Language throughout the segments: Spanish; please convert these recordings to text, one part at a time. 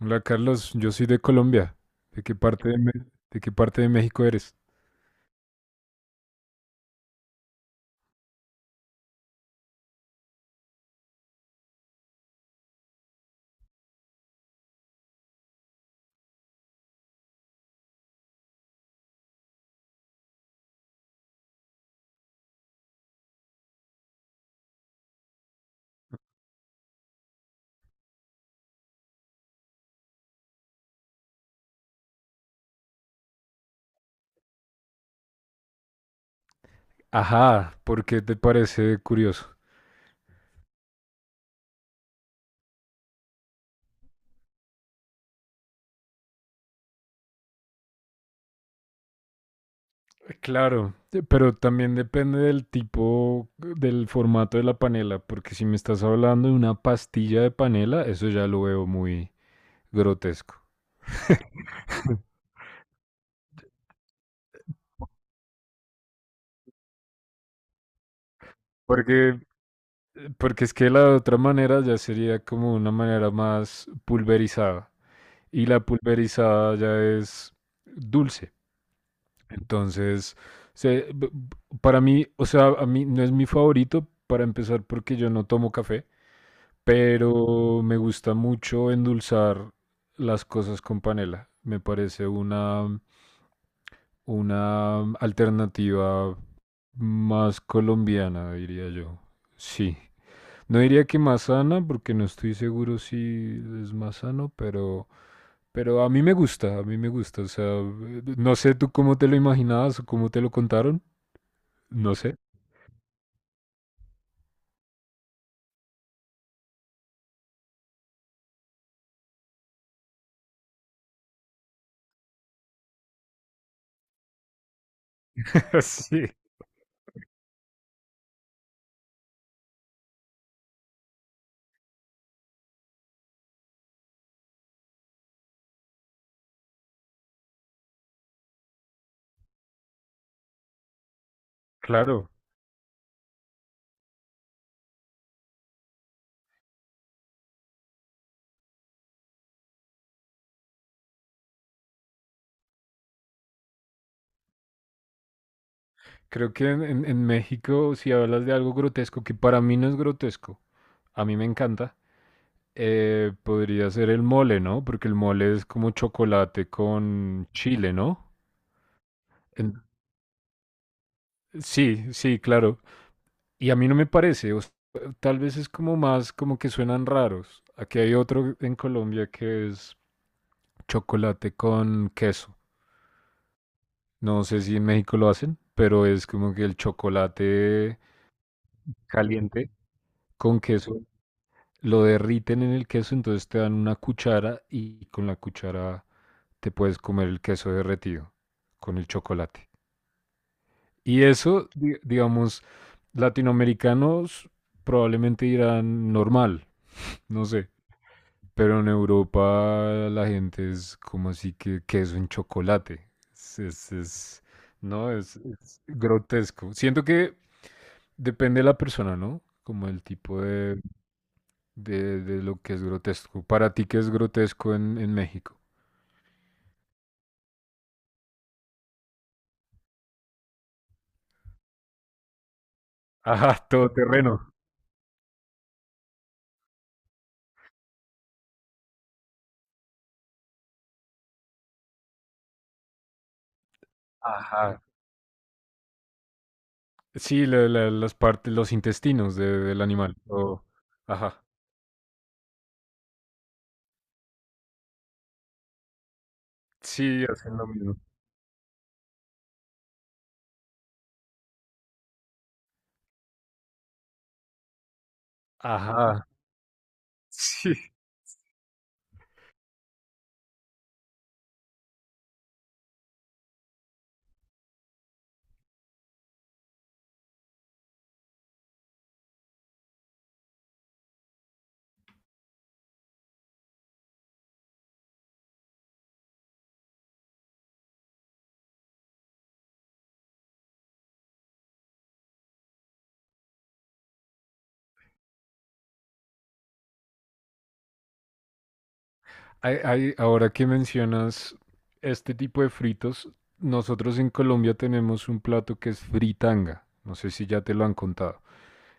Hola Carlos, yo soy de Colombia. ¿De qué parte de, de qué parte de México eres? Ajá, ¿por qué te parece curioso? Claro, pero también depende del tipo, del formato de la panela, porque si me estás hablando de una pastilla de panela, eso ya lo veo muy grotesco. Porque, porque es que la otra manera ya sería como una manera más pulverizada. Y la pulverizada ya es dulce. Entonces, para mí, o sea, a mí no es mi favorito para empezar porque yo no tomo café, pero me gusta mucho endulzar las cosas con panela. Una alternativa más colombiana, diría yo. Sí. No diría que más sana, porque no estoy seguro si es más sano, pero a mí me gusta, a mí me gusta. O sea, no sé tú cómo te lo imaginabas o cómo te lo contaron. No sé. Sí, claro. Creo que en México, si hablas de algo grotesco, que para mí no es grotesco, a mí me encanta, podría ser el mole, ¿no? Porque el mole es como chocolate con chile, ¿no? En- sí, sí, claro. Y a mí no me parece, o sea, tal vez es como más como que suenan raros. Aquí hay otro en Colombia que es chocolate con queso. No sé si en México lo hacen, pero es como que el chocolate caliente, con queso, lo derriten en el queso, entonces te dan una cuchara y con la cuchara te puedes comer el queso derretido con el chocolate. Y eso, digamos, latinoamericanos probablemente dirán normal, no sé, pero en Europa la gente es como así que queso en chocolate. No, es grotesco. Siento que depende de la persona, ¿no? Como el tipo de de lo que es grotesco. Para ti, ¿qué es grotesco en México? Ajá, todo terreno. Ajá. Sí, las partes, los intestinos del animal. O ajá. Sí, hacen lo mismo. Ajá. Sí. Ahora que mencionas este tipo de fritos, nosotros en Colombia tenemos un plato que es fritanga. No sé si ya te lo han contado.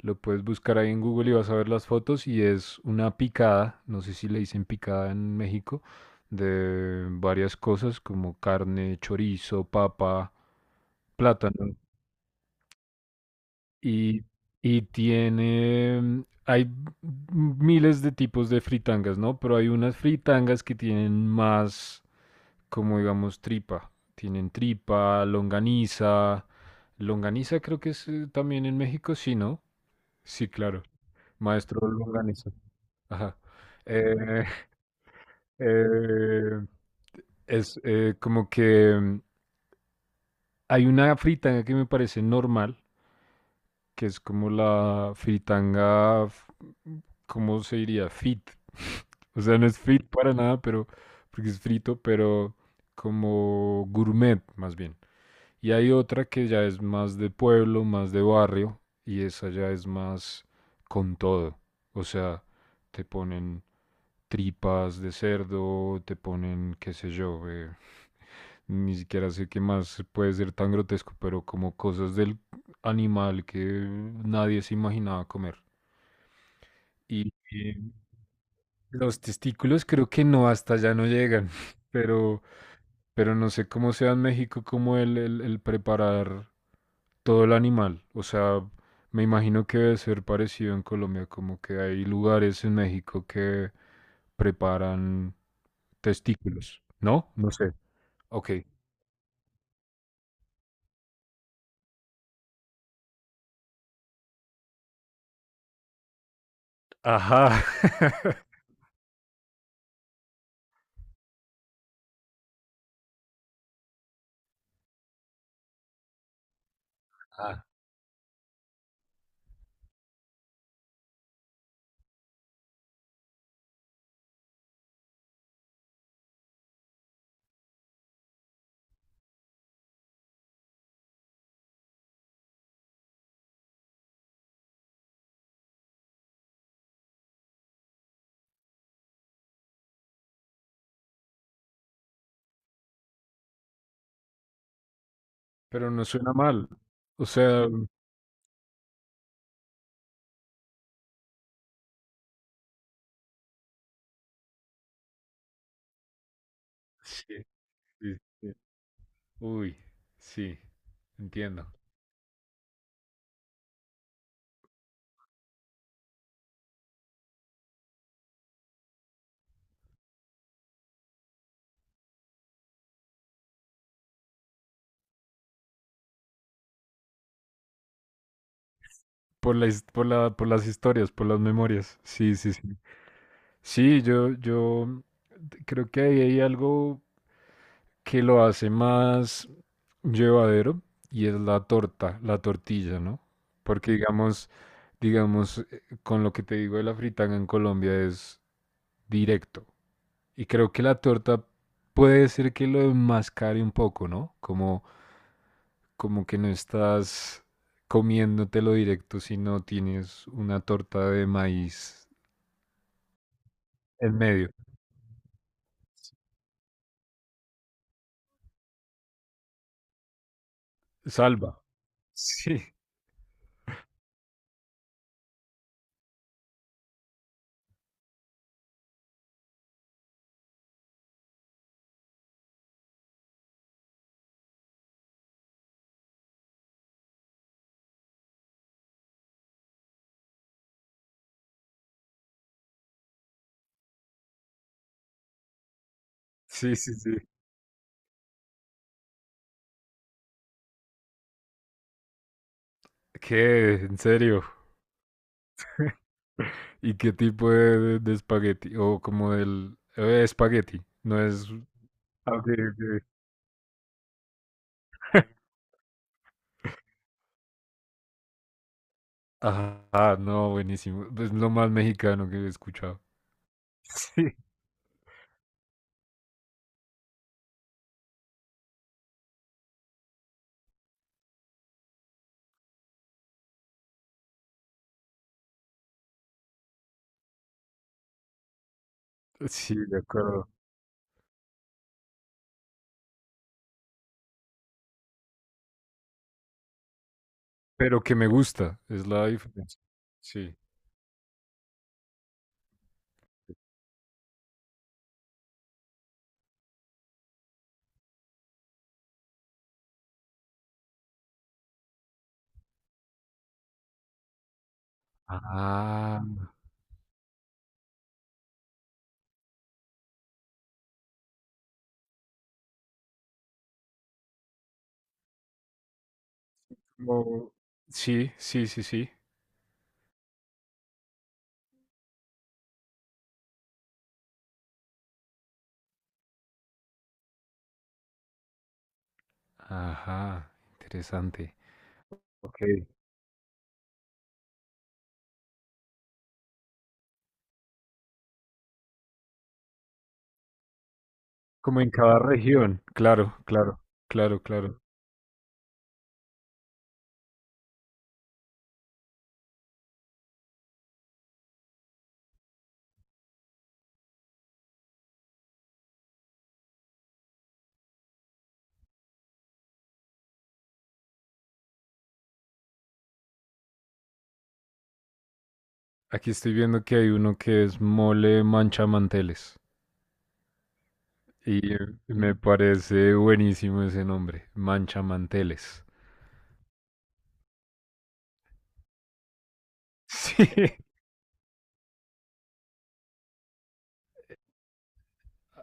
Lo puedes buscar ahí en Google y vas a ver las fotos y es una picada, no sé si le dicen picada en México, de varias cosas como carne, chorizo, papa, plátano y, y tiene, hay miles de tipos de fritangas, ¿no? Pero hay unas fritangas que tienen más, como digamos, tripa. Tienen tripa, longaniza. Longaniza creo que es también en México, sí, ¿no? Sí, claro. Maestro Longaniza. Ajá. Eh, eh, es como que hay una fritanga que me parece normal, que es como la fritanga, ¿cómo se diría? Fit. O sea, no es fit para nada, porque es frito, pero como gourmet, más bien. Y hay otra que ya es más de pueblo, más de barrio, y esa ya es más con todo. O sea, te ponen tripas de cerdo, te ponen, qué sé yo, ni siquiera sé qué más puede ser tan grotesco, pero como cosas del animal que nadie se imaginaba comer. Y los testículos creo que no, hasta allá no llegan, pero, pero no sé cómo sea en México como el preparar todo el animal. O sea, me imagino que debe ser parecido en Colombia, como que hay lugares en México que preparan testículos, ¿no? No sé. Ok. Ajá. Ah, pero no suena mal. O sea, sí, sí, sí. Uy, sí, entiendo. Por la por por las historias, por las memorias. Sí, sí, sí. Sí, yo creo que ahí hay algo que lo hace más llevadero y es la torta, la tortilla, ¿no? Porque digamos, digamos, con lo que te digo de la fritanga en Colombia es directo. Y creo que la torta puede ser que lo enmascare un poco, ¿no? Como, como que no estás comiéndotelo directo, sino tienes una torta de maíz en medio. Salva. Sí, sí, sí, sí. ¿Qué? ¿En serio? ¿Y qué tipo de, de espagueti? O como del... espagueti. No es... Ah, ok, ok. Ajá, no, buenísimo. Es lo más mexicano que he escuchado. Sí. Sí, de acuerdo. Pero que me gusta, es la diferencia. Sí. Ah, como- Sí, sí, sí, sí. Ajá, interesante. Ok. Como en cada región, claro, claro, claro, claro. Aquí estoy viendo que hay uno que es mole manchamanteles y me parece buenísimo ese nombre, manchamanteles. Sí,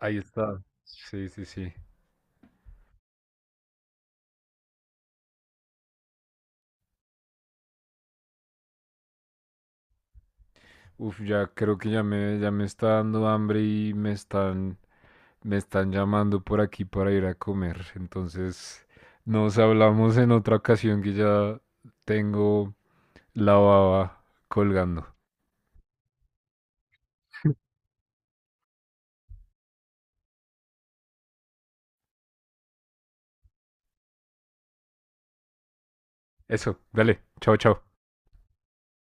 ahí está. Sí, sí, sí. Uf, ya creo que ya me está dando hambre y me están llamando por aquí para ir a comer. Entonces, nos hablamos en otra ocasión que ya tengo la baba colgando. Eso, dale, chao, chao.